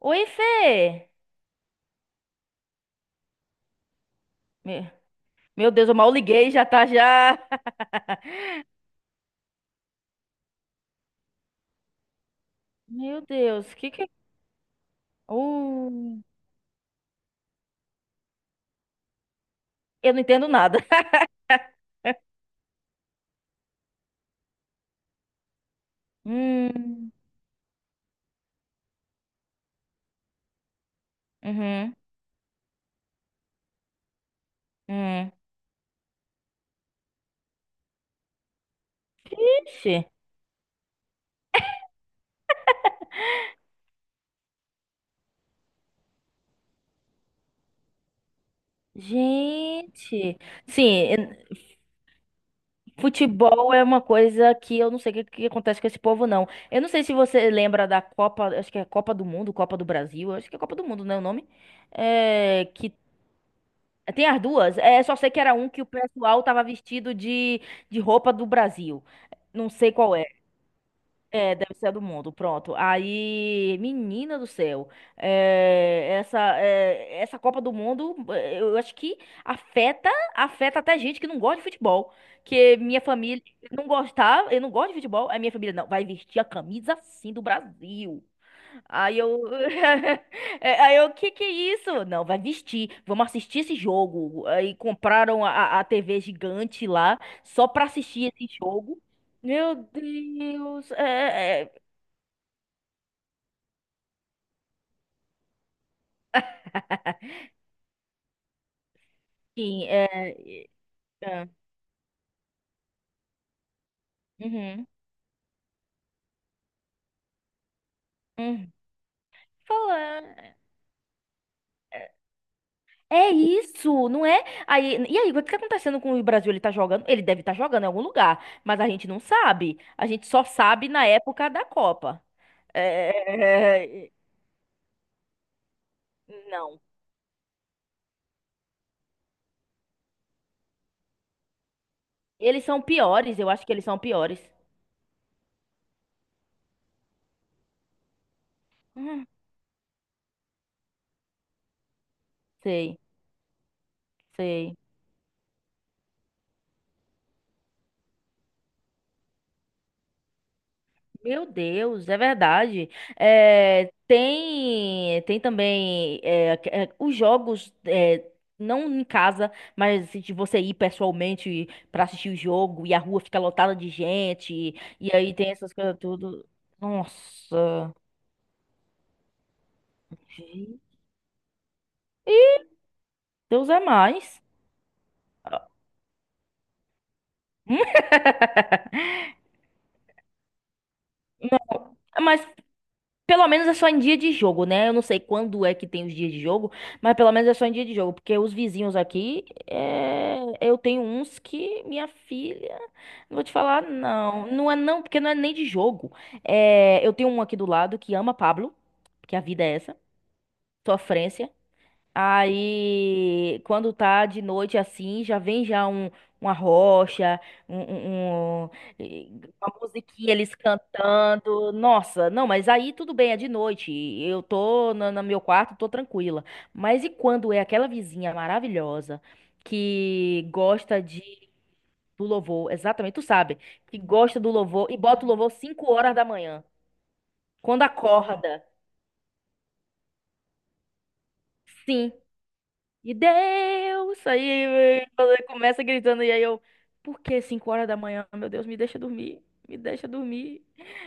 Oi, Fê! Me- Meu Deus, eu mal liguei, e já tá já. Meu Deus, que que. Uh, eu não entendo nada. Hum, uhum, hum. Ixi, gente. Sim, en- futebol é uma coisa que eu não sei o que, que acontece com esse povo, não. Eu não sei se você lembra da Copa, acho que é Copa do Mundo, Copa do Brasil, acho que é Copa do Mundo, né, o nome? É, que Tem as duas? É, só sei que era um que o pessoal tava vestido de roupa do Brasil. Não sei qual é. É, deve ser a do mundo. Pronto. Aí, menina do céu, essa Copa do Mundo, eu acho que afeta, afeta até gente que não gosta de futebol. Que minha família não gostava, eu não gosto de futebol, aí minha família não, vai vestir a camisa assim do Brasil. Aí eu. Aí eu, o que que é isso? Não, vai vestir. Vamos assistir esse jogo. Aí compraram a TV gigante lá só pra assistir esse jogo. Meu Deus. Enfim, ah, uhum, uhum. Fala. É é isso, não é? Aí, e aí, o que tá acontecendo com o Brasil? Ele tá jogando? Ele deve estar jogando em algum lugar, mas a gente não sabe. A gente só sabe na época da Copa. É, é, é, é, não. Eles são piores, eu acho que eles são piores. Hum, sei, sei. Meu Deus, é verdade. Tem também os jogos, não em casa, mas se você ir pessoalmente pra assistir o jogo e a rua fica lotada de gente, e aí tem essas coisas tudo. Nossa, Deus é mais. Ah, hum? Mas pelo menos é só em dia de jogo, né? Eu não sei quando é que tem os dias de jogo, mas pelo menos é só em dia de jogo, porque os vizinhos aqui, eu tenho uns que minha filha, não vou te falar, não, não é não, porque não é nem de jogo. Eu tenho um aqui do lado que ama Pablo, porque a vida é essa, sofrência. Aí, quando tá de noite assim, já vem já um, uma rocha, um, um- um- e- uma musiquinha eles cantando. Nossa, não, mas aí tudo bem, é de noite. Eu tô no meu quarto, tô tranquila. Mas e quando é aquela vizinha maravilhosa que gosta de do louvor, exatamente, tu sabe, que gosta do louvor e bota o louvor 5 horas da manhã, quando acorda. Sim. E Deus! Aí ela começa gritando, e aí eu, por que 5 horas da manhã? Meu Deus, me deixa dormir, me deixa dormir.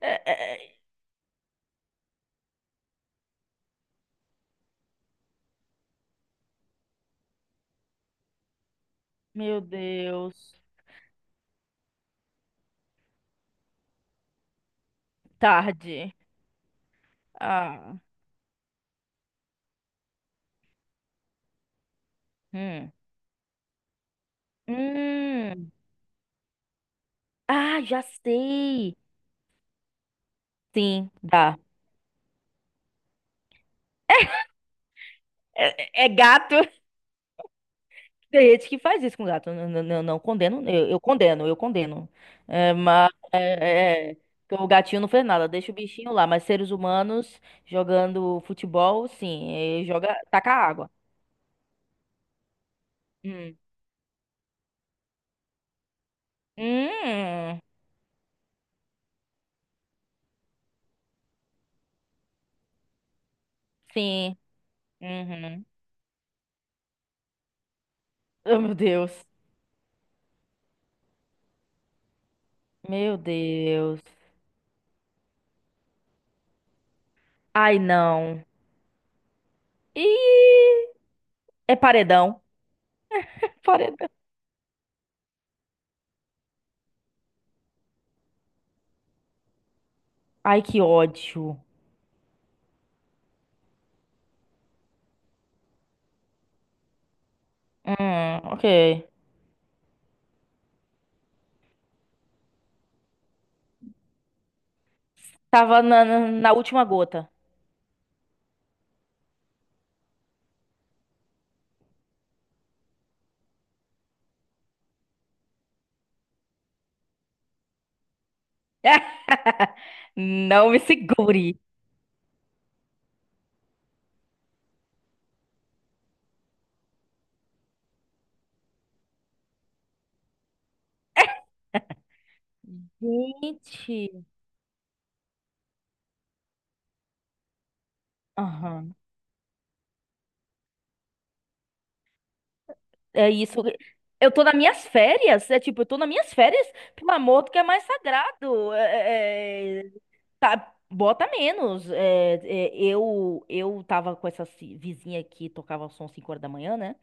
É, é, é. Meu Deus, tarde. Ah, hum. Hum. Ah, já sei. Sim, dá. É, é gato. Tem gente que faz isso com gato. Não, não, não, não condeno. Eu condeno, eu condeno. Mas que o gatinho não fez nada, deixa o bichinho lá. Mas seres humanos jogando futebol, sim. E joga, taca água. Hum. Hum, sim. Uhum. Oh, meu Deus. Meu Deus. Ai, não. Ih, é paredão. Paredão. Ai, que ódio. Ok. Tava na última gota. Não me segure. Gente, aham. É isso. Eu tô nas minhas férias. É tipo, eu tô nas minhas férias, pelo amor do que é mais sagrado. Tá, bota menos. Eu tava com essa vizinha que tocava som 5 horas da manhã, né?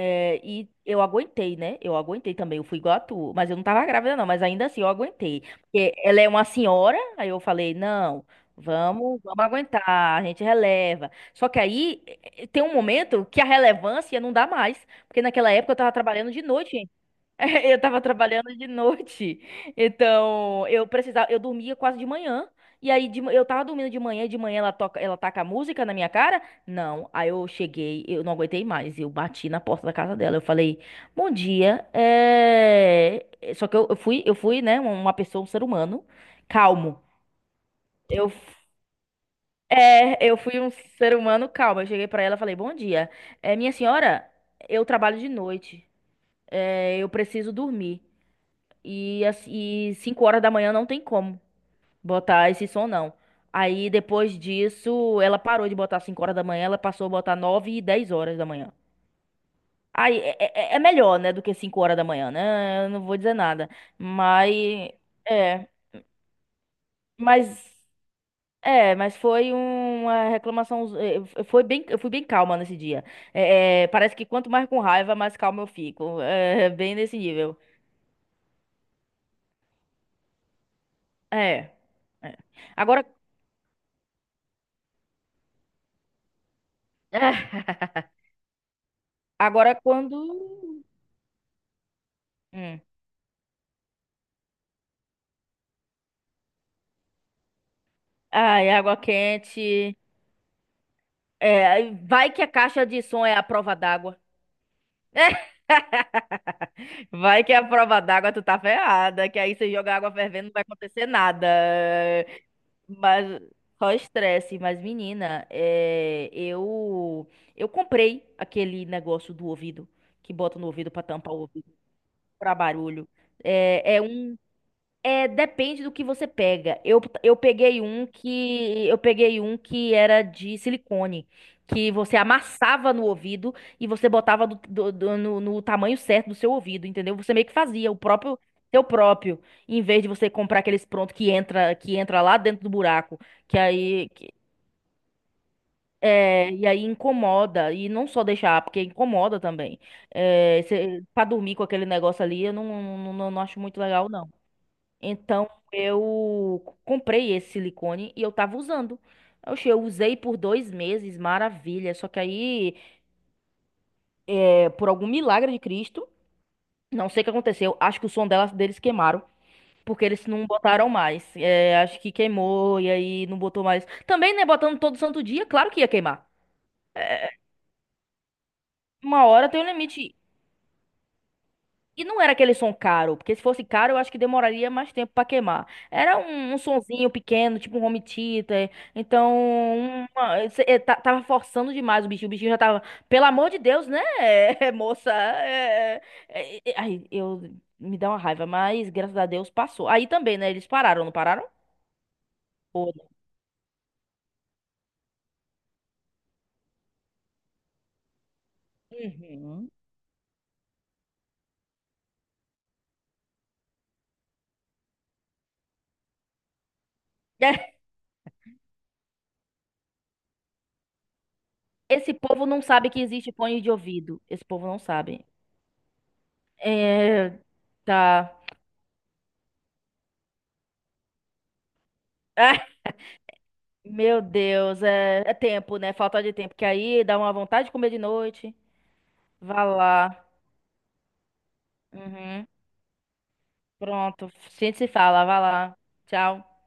É, e eu aguentei, né? Eu aguentei também. Eu fui igual a tu, mas eu não tava grávida, não. Mas ainda assim, eu aguentei. Porque ela é uma senhora, aí eu falei: não, vamos aguentar, a gente releva. Só que aí tem um momento que a relevância não dá mais. Porque naquela época eu tava trabalhando de noite. Eu tava trabalhando de noite, então eu precisava, eu dormia quase de manhã. E aí eu tava dormindo de manhã, e de manhã ela toca, ela taca a música na minha cara? Não. Aí eu cheguei, eu não aguentei mais, eu bati na porta da casa dela. Eu falei: "Bom dia". Só que eu fui, né, uma pessoa, um ser humano calmo. Eu f- eu fui um ser humano calmo. Eu cheguei pra ela e falei: "Bom dia. Minha senhora, eu trabalho de noite. Eu preciso dormir. E 5 horas da manhã não tem como botar esse som, não. Aí depois disso, ela parou de botar 5 horas da manhã, ela passou a botar 9 e 10 horas da manhã. Aí é melhor, né, do que 5 horas da manhã, né? Eu não vou dizer nada. Mas é, mas mas foi uma reclamação, foi bem, eu fui bem calma nesse dia. Parece que quanto mais com raiva, mais calma eu fico. É, bem nesse nível. É. É. Agora, é, agora quando hum. Ah, e água quente. É, aí vai que a caixa de som é a prova d'água. Vai que é a prova d'água, tu tá ferrada, que aí você joga água fervendo, não vai acontecer nada. Mas só estresse. Mas, menina, eu comprei aquele negócio do ouvido que bota no ouvido pra tampar o ouvido, pra barulho. É, é depende do que você pega. Eu peguei um que era de silicone, que você amassava no ouvido e você botava no tamanho certo do seu ouvido, entendeu? Você meio que fazia o próprio teu próprio, em vez de você comprar aqueles pronto que entra lá dentro do buraco, que aí que- é, e aí incomoda e não só deixar, porque incomoda também. Pra dormir com aquele negócio ali, eu não acho muito legal, então eu comprei esse silicone e eu tava usando. Oxe, eu usei por 2 meses, maravilha. Só que aí, por algum milagre de Cristo, não sei o que aconteceu. Acho que o som dela, deles queimaram. Porque eles não botaram mais. É, acho que queimou e aí não botou mais. Também, né? Botando todo santo dia, claro que ia queimar. Uma hora tem um limite. E não era aquele som caro, porque se fosse caro, eu acho que demoraria mais tempo pra queimar. Era um sonzinho pequeno, tipo um home theater. Então, tava forçando demais o bichinho. O bichinho já tava, pelo amor de Deus, né, moça? Ai, eu me dá uma raiva, mas graças a Deus passou. Aí também, né? Eles pararam, não pararam? Ou não? Uhum. Esse povo não sabe que existe fone de ouvido. Esse povo não sabe. É, tá. Meu Deus, é tempo, né? Falta de tempo. Que aí dá uma vontade de comer de noite. Vá lá. Uhum. Pronto. A gente se fala. Vá lá. Tchau.